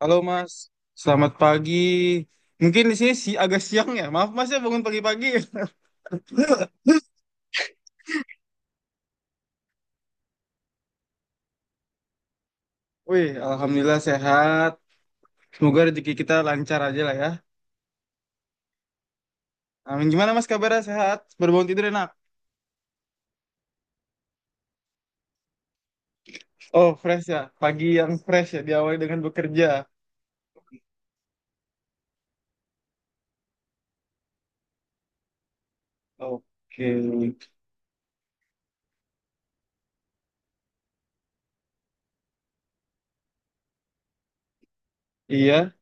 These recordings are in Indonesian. Halo Mas, selamat pagi. Mungkin di sini si agak siang ya. Maaf Mas ya bangun pagi-pagi. Wih, alhamdulillah sehat. Semoga rezeki kita lancar aja lah ya. Amin. Gimana Mas kabarnya sehat? Baru bangun tidur enak. Oh, fresh ya. Pagi yang fresh ya diawali dengan bekerja. Oke. Iya.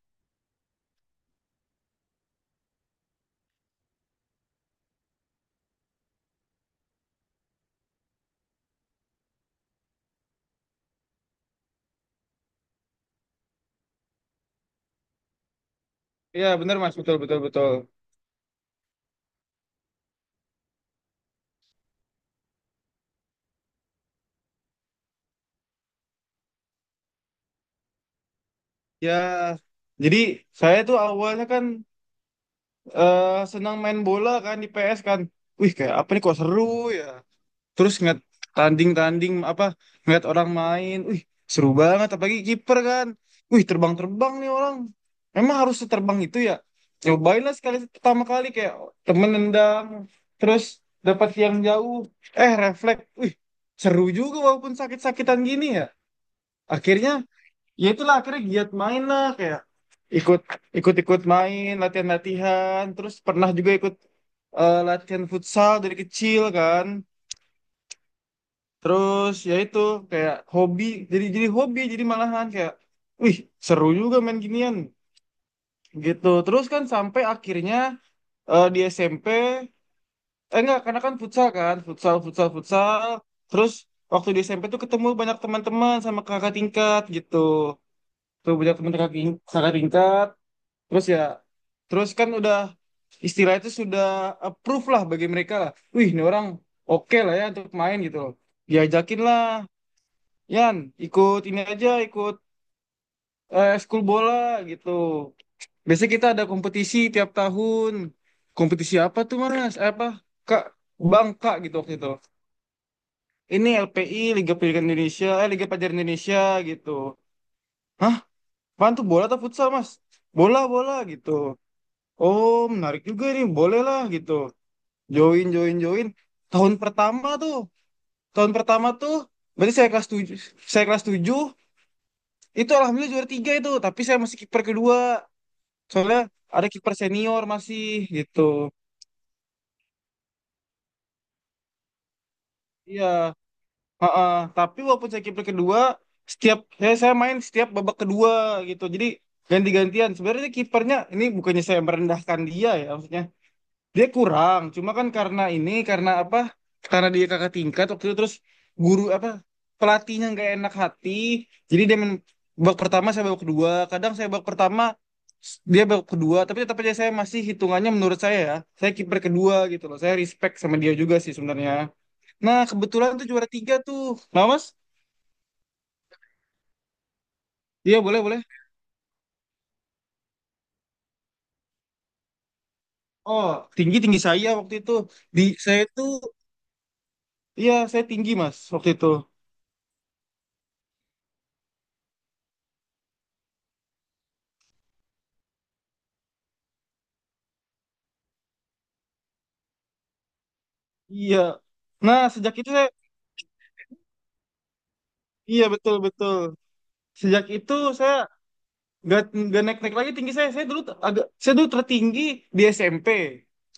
Iya, benar Mas, betul betul betul. Ya, jadi saya tuh awalnya kan eh, senang main bola kan di PS kan. Wih, kayak apa nih kok seru ya. Terus ngeliat tanding-tanding apa, ngeliat orang main, wih seru banget, apalagi kiper kan. Wih, terbang-terbang nih orang, emang harus terbang itu ya. Cobain lah sekali, pertama kali kayak temen nendang terus dapat yang jauh, refleks. Wih, seru juga walaupun sakit-sakitan gini ya. Akhirnya, ya itulah, akhirnya giat main lah, kayak ikut ikut-ikut main, latihan-latihan, terus pernah juga ikut latihan futsal dari kecil kan. Terus ya itu kayak hobi, jadi hobi, jadi malahan kayak wih seru juga main ginian gitu. Terus kan sampai akhirnya di SMP, enggak, karena kan futsal kan, futsal futsal futsal. Terus waktu di SMP tuh ketemu banyak teman-teman sama kakak tingkat gitu, tuh banyak teman kakak tingkat. Terus ya, terus kan udah istilah itu sudah approve lah bagi mereka lah, wih ini orang oke lah ya untuk main gitu loh, diajakin lah. Yan, ikut ini aja, ikut ekskul bola gitu. Biasanya kita ada kompetisi tiap tahun. Kompetisi apa tuh, Mas? Apa? Kak, Bangka gitu waktu itu. Ini LPI, Liga Pendidikan Indonesia, Liga Pelajar Indonesia gitu. Hah? Apaan tuh bola atau futsal, Mas? Bola, bola gitu. Oh, menarik juga nih, boleh lah gitu. Join, join, join. Tahun pertama tuh, tahun pertama tuh, berarti saya kelas 7, saya kelas 7, itu alhamdulillah juara 3 itu, tapi saya masih kiper kedua. Soalnya ada kiper senior masih gitu. Iya, heeh. Tapi walaupun saya kiper kedua, setiap saya main setiap babak kedua gitu. Jadi ganti-gantian. Sebenarnya kipernya ini bukannya saya merendahkan dia ya, maksudnya. Dia kurang, cuma kan karena ini, karena apa? Karena dia kakak tingkat waktu itu. Terus guru apa, pelatihnya nggak enak hati, jadi dia main babak pertama, saya babak kedua. Kadang saya babak pertama, dia babak kedua, tapi tetap aja saya masih hitungannya, menurut saya ya, saya kiper kedua gitu loh. Saya respect sama dia juga sih sebenarnya. Nah kebetulan tuh juara 3 tuh, nah mas? Iya boleh boleh. Oh, tinggi tinggi saya waktu itu, di saya tuh, iya saya tinggi mas waktu itu. Iya. Nah, sejak itu saya. Iya betul betul. Sejak itu saya nggak nggak naik naik lagi tinggi saya. Saya dulu agak, saya dulu tertinggi di SMP.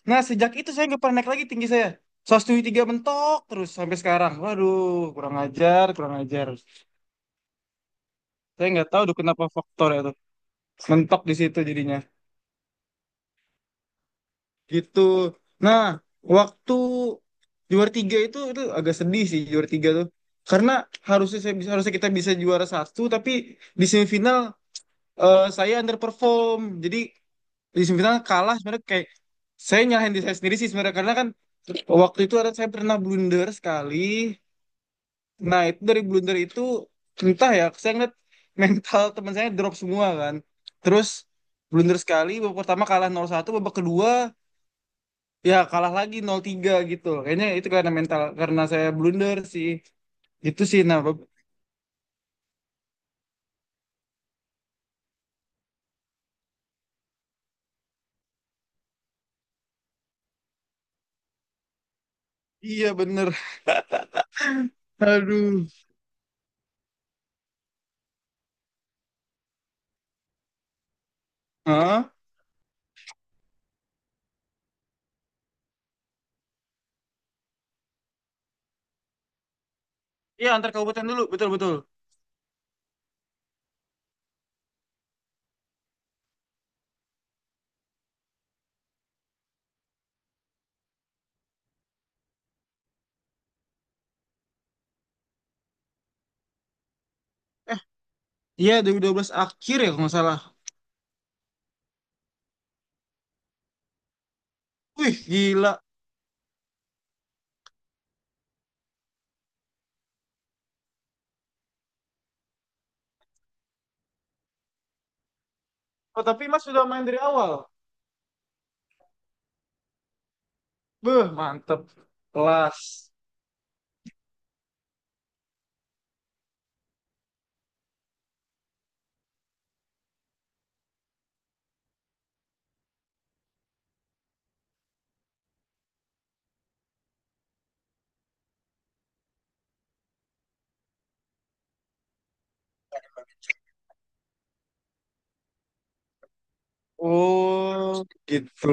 Nah sejak itu saya nggak pernah naik lagi tinggi saya. 173 mentok terus sampai sekarang. Waduh, kurang ajar kurang ajar. Saya nggak tahu tuh kenapa faktor itu mentok di situ jadinya. Gitu. Nah waktu juara 3 itu agak sedih sih juara 3 tuh. Karena harusnya saya bisa, harusnya kita bisa juara 1, tapi di semifinal saya underperform. Jadi di semifinal kalah, sebenarnya kayak saya nyalahin diri saya sendiri sih sebenarnya, karena kan waktu itu ada, saya pernah blunder sekali. Nah itu dari blunder itu entah ya, saya ngeliat mental teman saya drop semua kan. Terus blunder sekali, babak pertama kalah 0-1, babak kedua ya kalah lagi 0-3 gitu, kayaknya itu karena mental, karena saya blunder sih itu sih. Nah iya bener. Aduh. Hah? Iya antar kabupaten dulu, betul betul. Eh iya, dua 2012 akhir ya kalau nggak salah. Wih, gila. Oh, tapi Mas sudah main dari awal. Beuh, mantep. Kelas. Oh, gitu.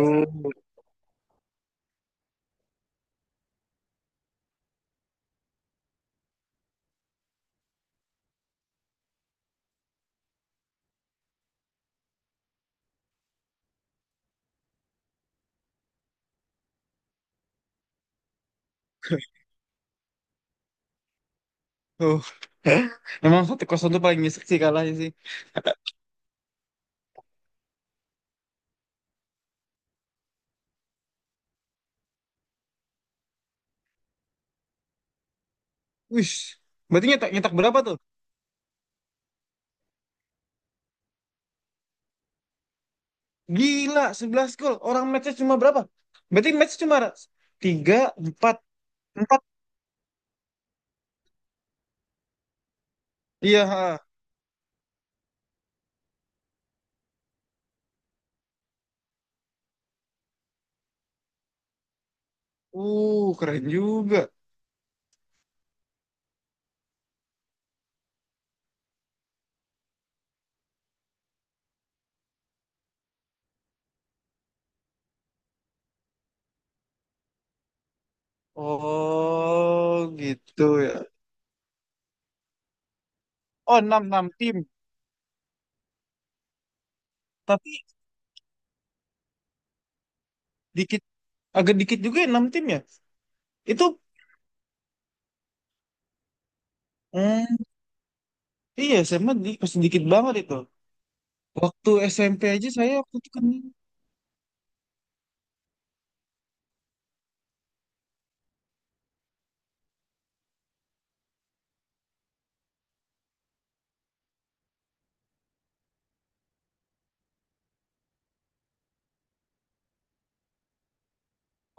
Oh. Emang satu kosong tuh paling nyesek sih kalahnya sih. Wih, berarti nyetak berapa tuh? Gila, 11 gol. Orang matchnya cuma berapa? Berarti match cuma 3, 4, 4. Iya, ha. Keren juga. Oh, gitu ya. Oh, 6 6 tim. Tapi dikit, agak dikit juga ya 6 tim ya. Itu. Hmm, iya SMA di, pasti dikit banget itu. Waktu SMP aja saya waktu itu kan.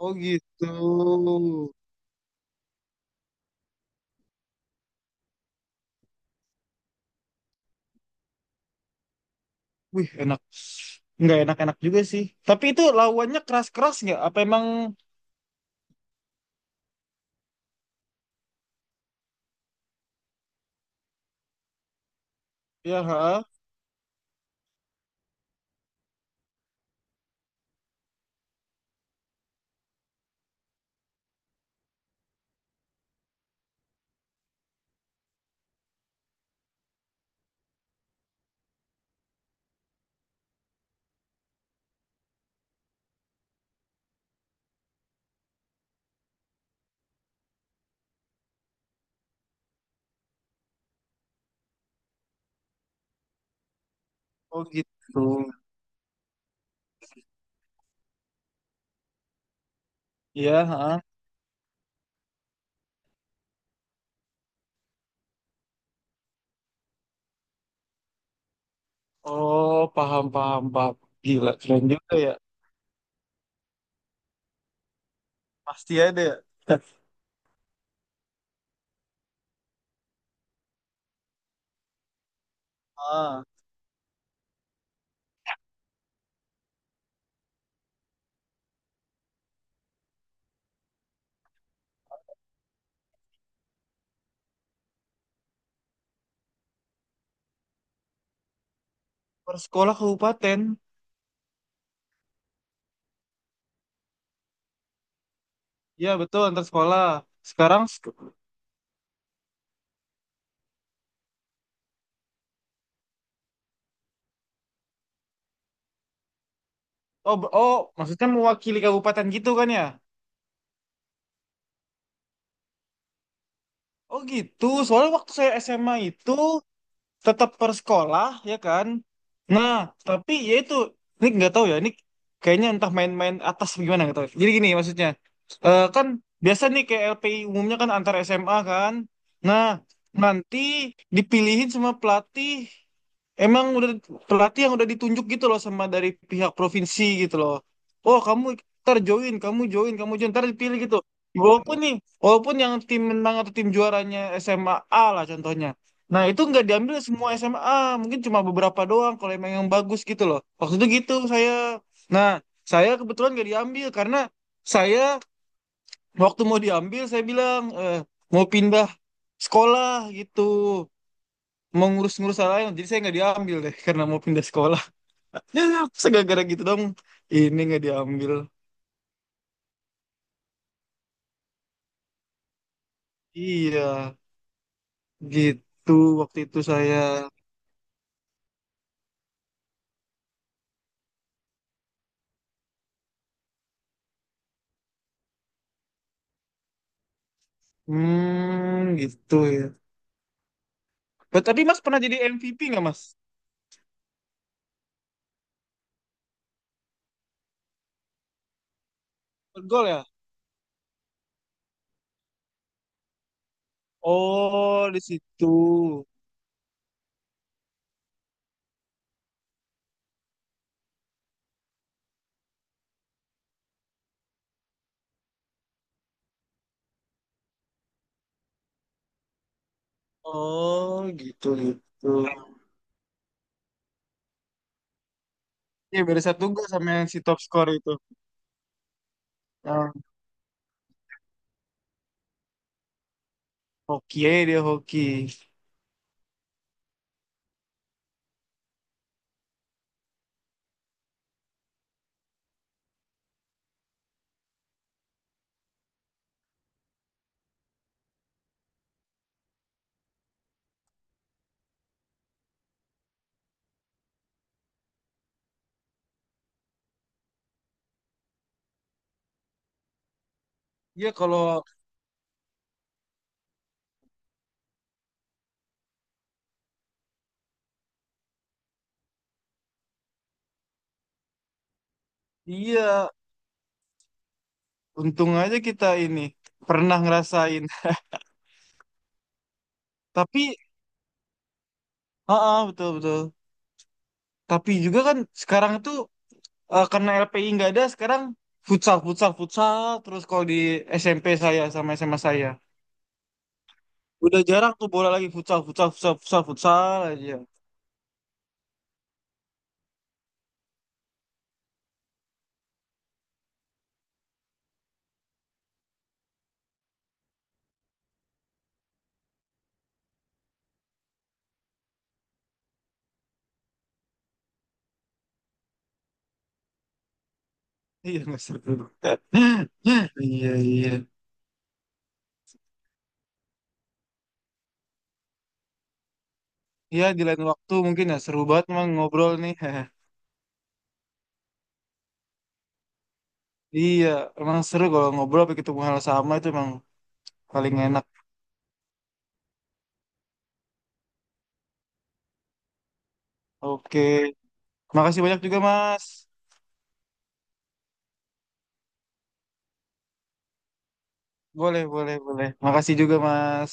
Oh gitu. Wih enak. Nggak enak-enak juga sih. Tapi itu lawannya keras-keras nggak? Apa emang ya? Ha? Oh gitu. Ya. Ha? Oh paham paham paham. Gila keren juga ya. Pasti ada ya. Ah, per sekolah kabupaten. Ya betul antar sekolah. Sekarang sek- oh, maksudnya mewakili kabupaten gitu kan ya? Oh gitu, soalnya waktu saya SMA itu tetap persekolah ya kan. Nah tapi ya itu, ini nggak tahu ya ini, kayaknya entah main-main atas apa gimana nggak tahu, jadi gini maksudnya. Kan biasa nih kayak LPI umumnya kan antar SMA kan. Nah nanti dipilihin sama pelatih, emang udah pelatih yang udah ditunjuk gitu loh sama dari pihak provinsi gitu loh. Oh kamu, ntar join, kamu join, kamu join ntar dipilih gitu. Walaupun nih, walaupun yang tim menang atau tim juaranya SMA A, A lah contohnya. Nah, itu nggak diambil semua SMA, mungkin cuma beberapa doang kalau emang yang bagus gitu loh. Waktu itu gitu saya. Nah, saya kebetulan nggak diambil karena saya, waktu mau diambil saya bilang mau pindah sekolah gitu, mau ngurus-ngurus hal lain. Jadi saya nggak diambil deh karena mau pindah sekolah. Masa gara gitu dong, ini nggak diambil. Iya, gitu waktu itu saya. Hmm, gitu ya. But tadi Mas pernah jadi MVP nggak Mas? Gol ya? Oh, di situ. Oh, gitu gitu. Iya beda satu gol sama yang si top score itu. Yang hoki ya, dia hoki. Iya kalau iya, untung aja kita ini pernah ngerasain. Tapi heeh betul betul. Tapi juga kan sekarang itu karena LPI nggak ada sekarang, futsal futsal futsal. Terus kalau di SMP saya sama SMA saya udah jarang tuh bola lagi, futsal futsal futsal futsal futsal aja. Iya nggak seru. Iya iya. Iya di lain waktu mungkin ya, seru banget emang ngobrol nih. Iya emang seru kalau ngobrol pakai ketemu hal sama itu emang paling enak. Oke, makasih banyak juga Mas. Boleh boleh boleh. Makasih juga Mas.